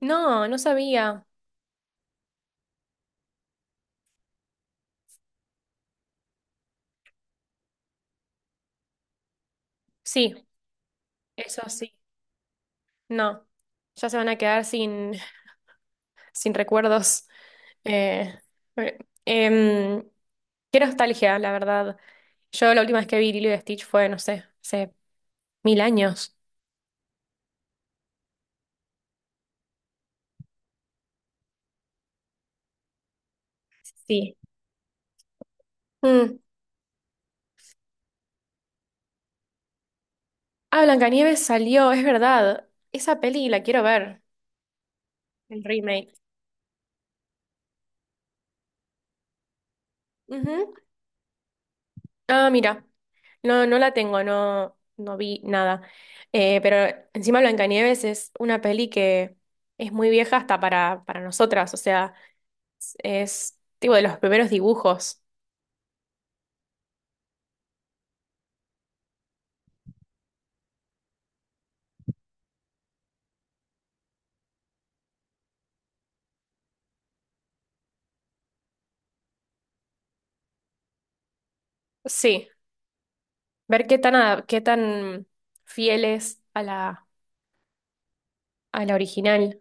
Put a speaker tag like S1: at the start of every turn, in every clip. S1: No, no sabía. Sí, eso sí. No, ya se van a quedar sin, sin recuerdos. Eh, eh, em, qué nostalgia, la verdad. Yo la última vez que vi Lilo y Stitch fue, no sé, hace mil años. Sí. Mm. Ah, Blancanieves salió, es verdad. Esa peli la quiero ver, el remake. Ujú. Ah, mira, no, no la tengo, no, no vi nada. Pero encima Blancanieves es una peli que es muy vieja hasta para nosotras, o sea, tipo de los primeros dibujos. Sí, ver qué tan, qué tan fiel es a la original.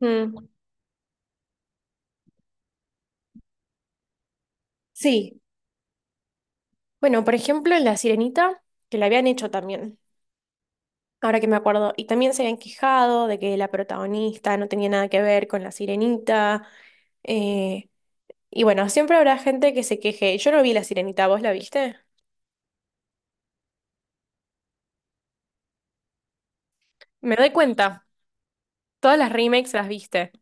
S1: Mm. Sí, bueno, por ejemplo, en La Sirenita, que la habían hecho también, ahora que me acuerdo, y también se habían quejado de que la protagonista no tenía nada que ver con la Sirenita. Eh, Y bueno, siempre habrá gente que se queje. Yo no vi La Sirenita, ¿vos la viste? Me doy cuenta. Todas las remakes las viste.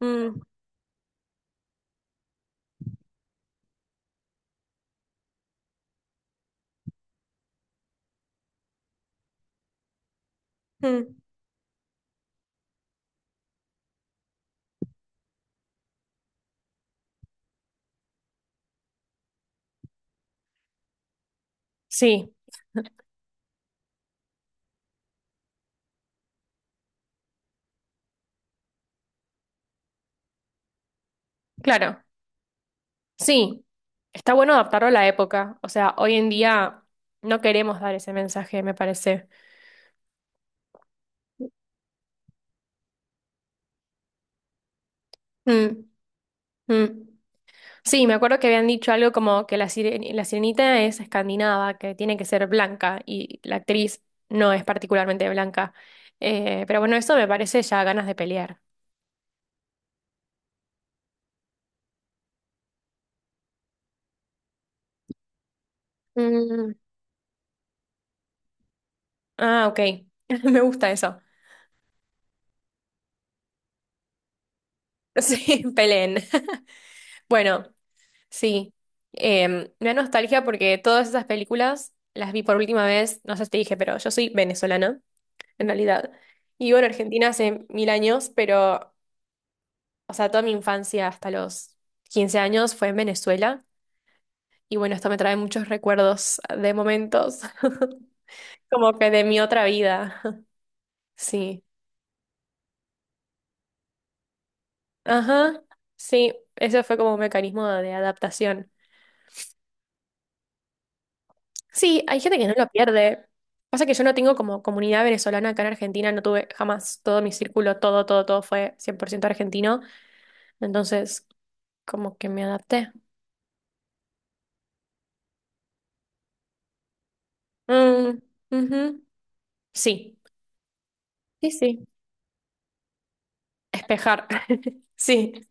S1: Mm. Mm. Sí, claro. Sí. Está bueno adaptarlo a la época. O sea, hoy en día no queremos dar ese mensaje, me parece. Mm. Mm. Sí, me acuerdo que habían dicho algo como que la la sirenita es escandinava, que tiene que ser blanca, y la actriz no es particularmente blanca. Pero bueno, eso me parece ya ganas de pelear. Mm. Ah, ok. Me gusta eso. Sí, peleen. Bueno, sí. Me da nostalgia porque todas esas películas las vi por última vez, no sé si te dije, pero yo soy venezolana, en realidad. Y vivo en Argentina hace mil años, pero, o sea, toda mi infancia hasta los 15 años fue en Venezuela. Y bueno, esto me trae muchos recuerdos de momentos, como que de mi otra vida. Sí. Ajá. Sí, eso fue como un mecanismo de adaptación. Sí, hay gente que no lo pierde. Pasa que yo no tengo como comunidad venezolana acá en Argentina, no tuve jamás todo mi círculo, todo, todo, todo fue 100% argentino, entonces como que me adapté. Mm. Ujú. Sí, sí, sí. Espejar. Sí,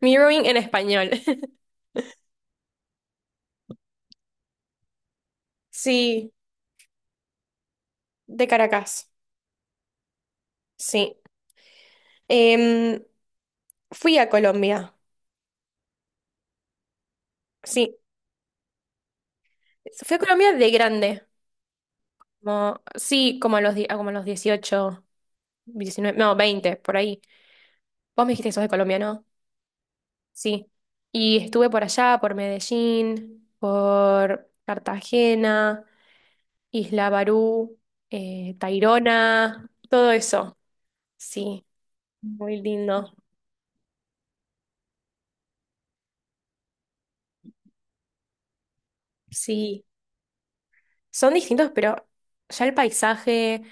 S1: mirroring en español. Sí, de Caracas. Sí. Em, fui a Colombia. Sí, fui a Colombia de grande. Como, sí, como a los, die- ah, como a los 18 19 no, 20 por ahí. Vos me dijiste que sos de Colombia, ¿no? Sí. Y estuve por allá, por Medellín, por Cartagena, Isla Barú, Tayrona, todo eso. Sí, muy lindo. Sí, son distintos, pero ya el paisaje,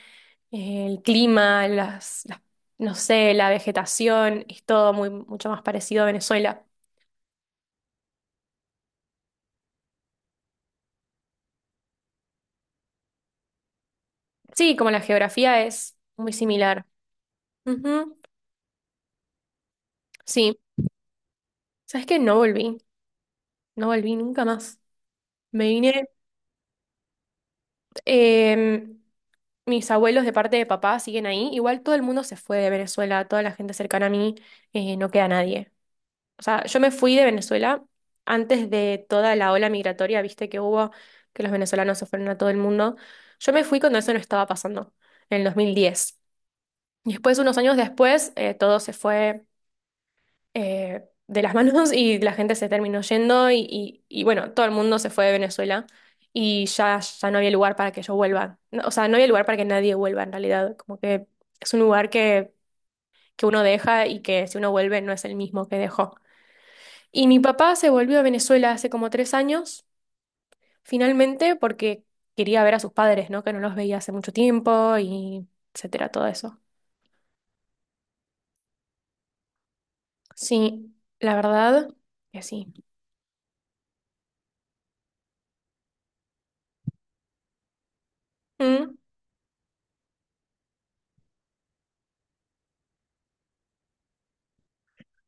S1: el clima, no sé, la vegetación, es todo muy, mucho más parecido a Venezuela. Sí, como la geografía es muy similar. Ujú. Sí, ¿sabes qué? No volví, no volví nunca más. Me vine, eh, mis abuelos de parte de papá siguen ahí. Igual todo el mundo se fue de Venezuela, toda la gente cercana a mí, no queda nadie. O sea, yo me fui de Venezuela antes de toda la ola migratoria, viste que hubo, que los venezolanos se fueron a todo el mundo. Yo me fui cuando eso no estaba pasando, en el 2010. Y después, unos años después, todo se fue. De las manos y la gente se terminó yendo y, bueno, todo el mundo se fue de Venezuela y ya no había lugar para que yo vuelva. No, o sea, no había lugar para que nadie vuelva en realidad. Como que es un lugar que uno deja y que si uno vuelve no es el mismo que dejó. Y mi papá se volvió a Venezuela hace como 3 años, finalmente, porque quería ver a sus padres, ¿no? Que no los veía hace mucho tiempo y etcétera, todo eso. Sí, la verdad que sí. Mm.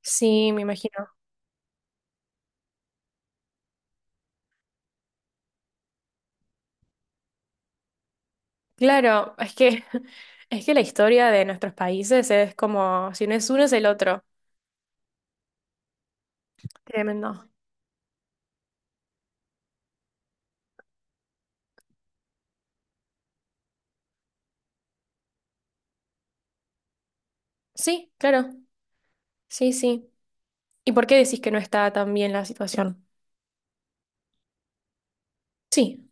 S1: Sí, me imagino. Claro, es que, es que la historia de nuestros países es como, si no es uno, es el otro. Tremendo. Sí, claro. Sí, sí. ¿Y por qué decís que no está tan bien la situación? Sí.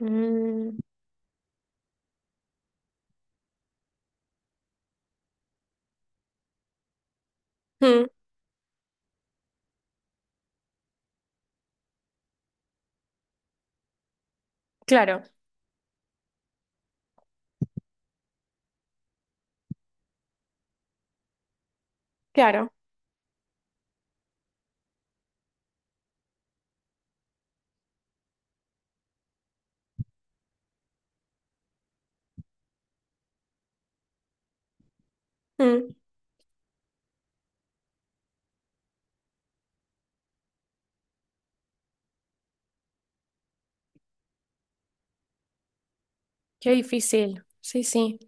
S1: Mm, mm, claro, claro. Mm, qué difícil. Sí, sí.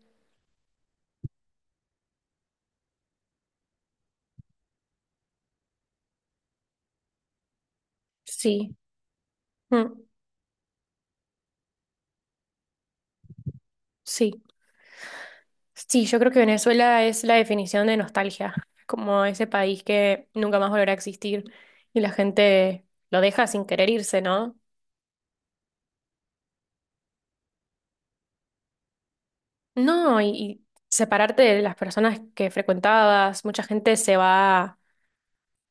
S1: Sí. Mm, sí. Sí, yo creo que Venezuela es la definición de nostalgia, como ese país que nunca más volverá a existir y la gente lo deja sin querer irse, ¿no? No, y separarte de las personas que frecuentabas, mucha gente se va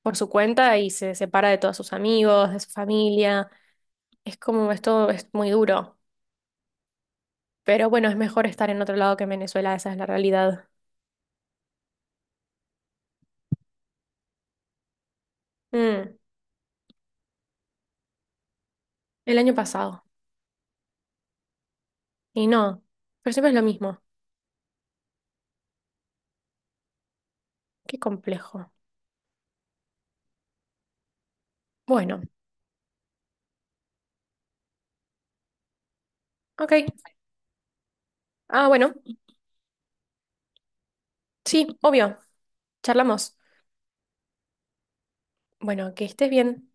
S1: por su cuenta y se separa de todos sus amigos, de su familia. Es como esto es muy duro, pero bueno, es mejor estar en otro lado que en Venezuela, esa es la realidad. Mm, el año pasado, y no, pero siempre es lo mismo. Qué complejo. Bueno, ok. Ah, bueno, sí, obvio, charlamos. Bueno, que estés bien.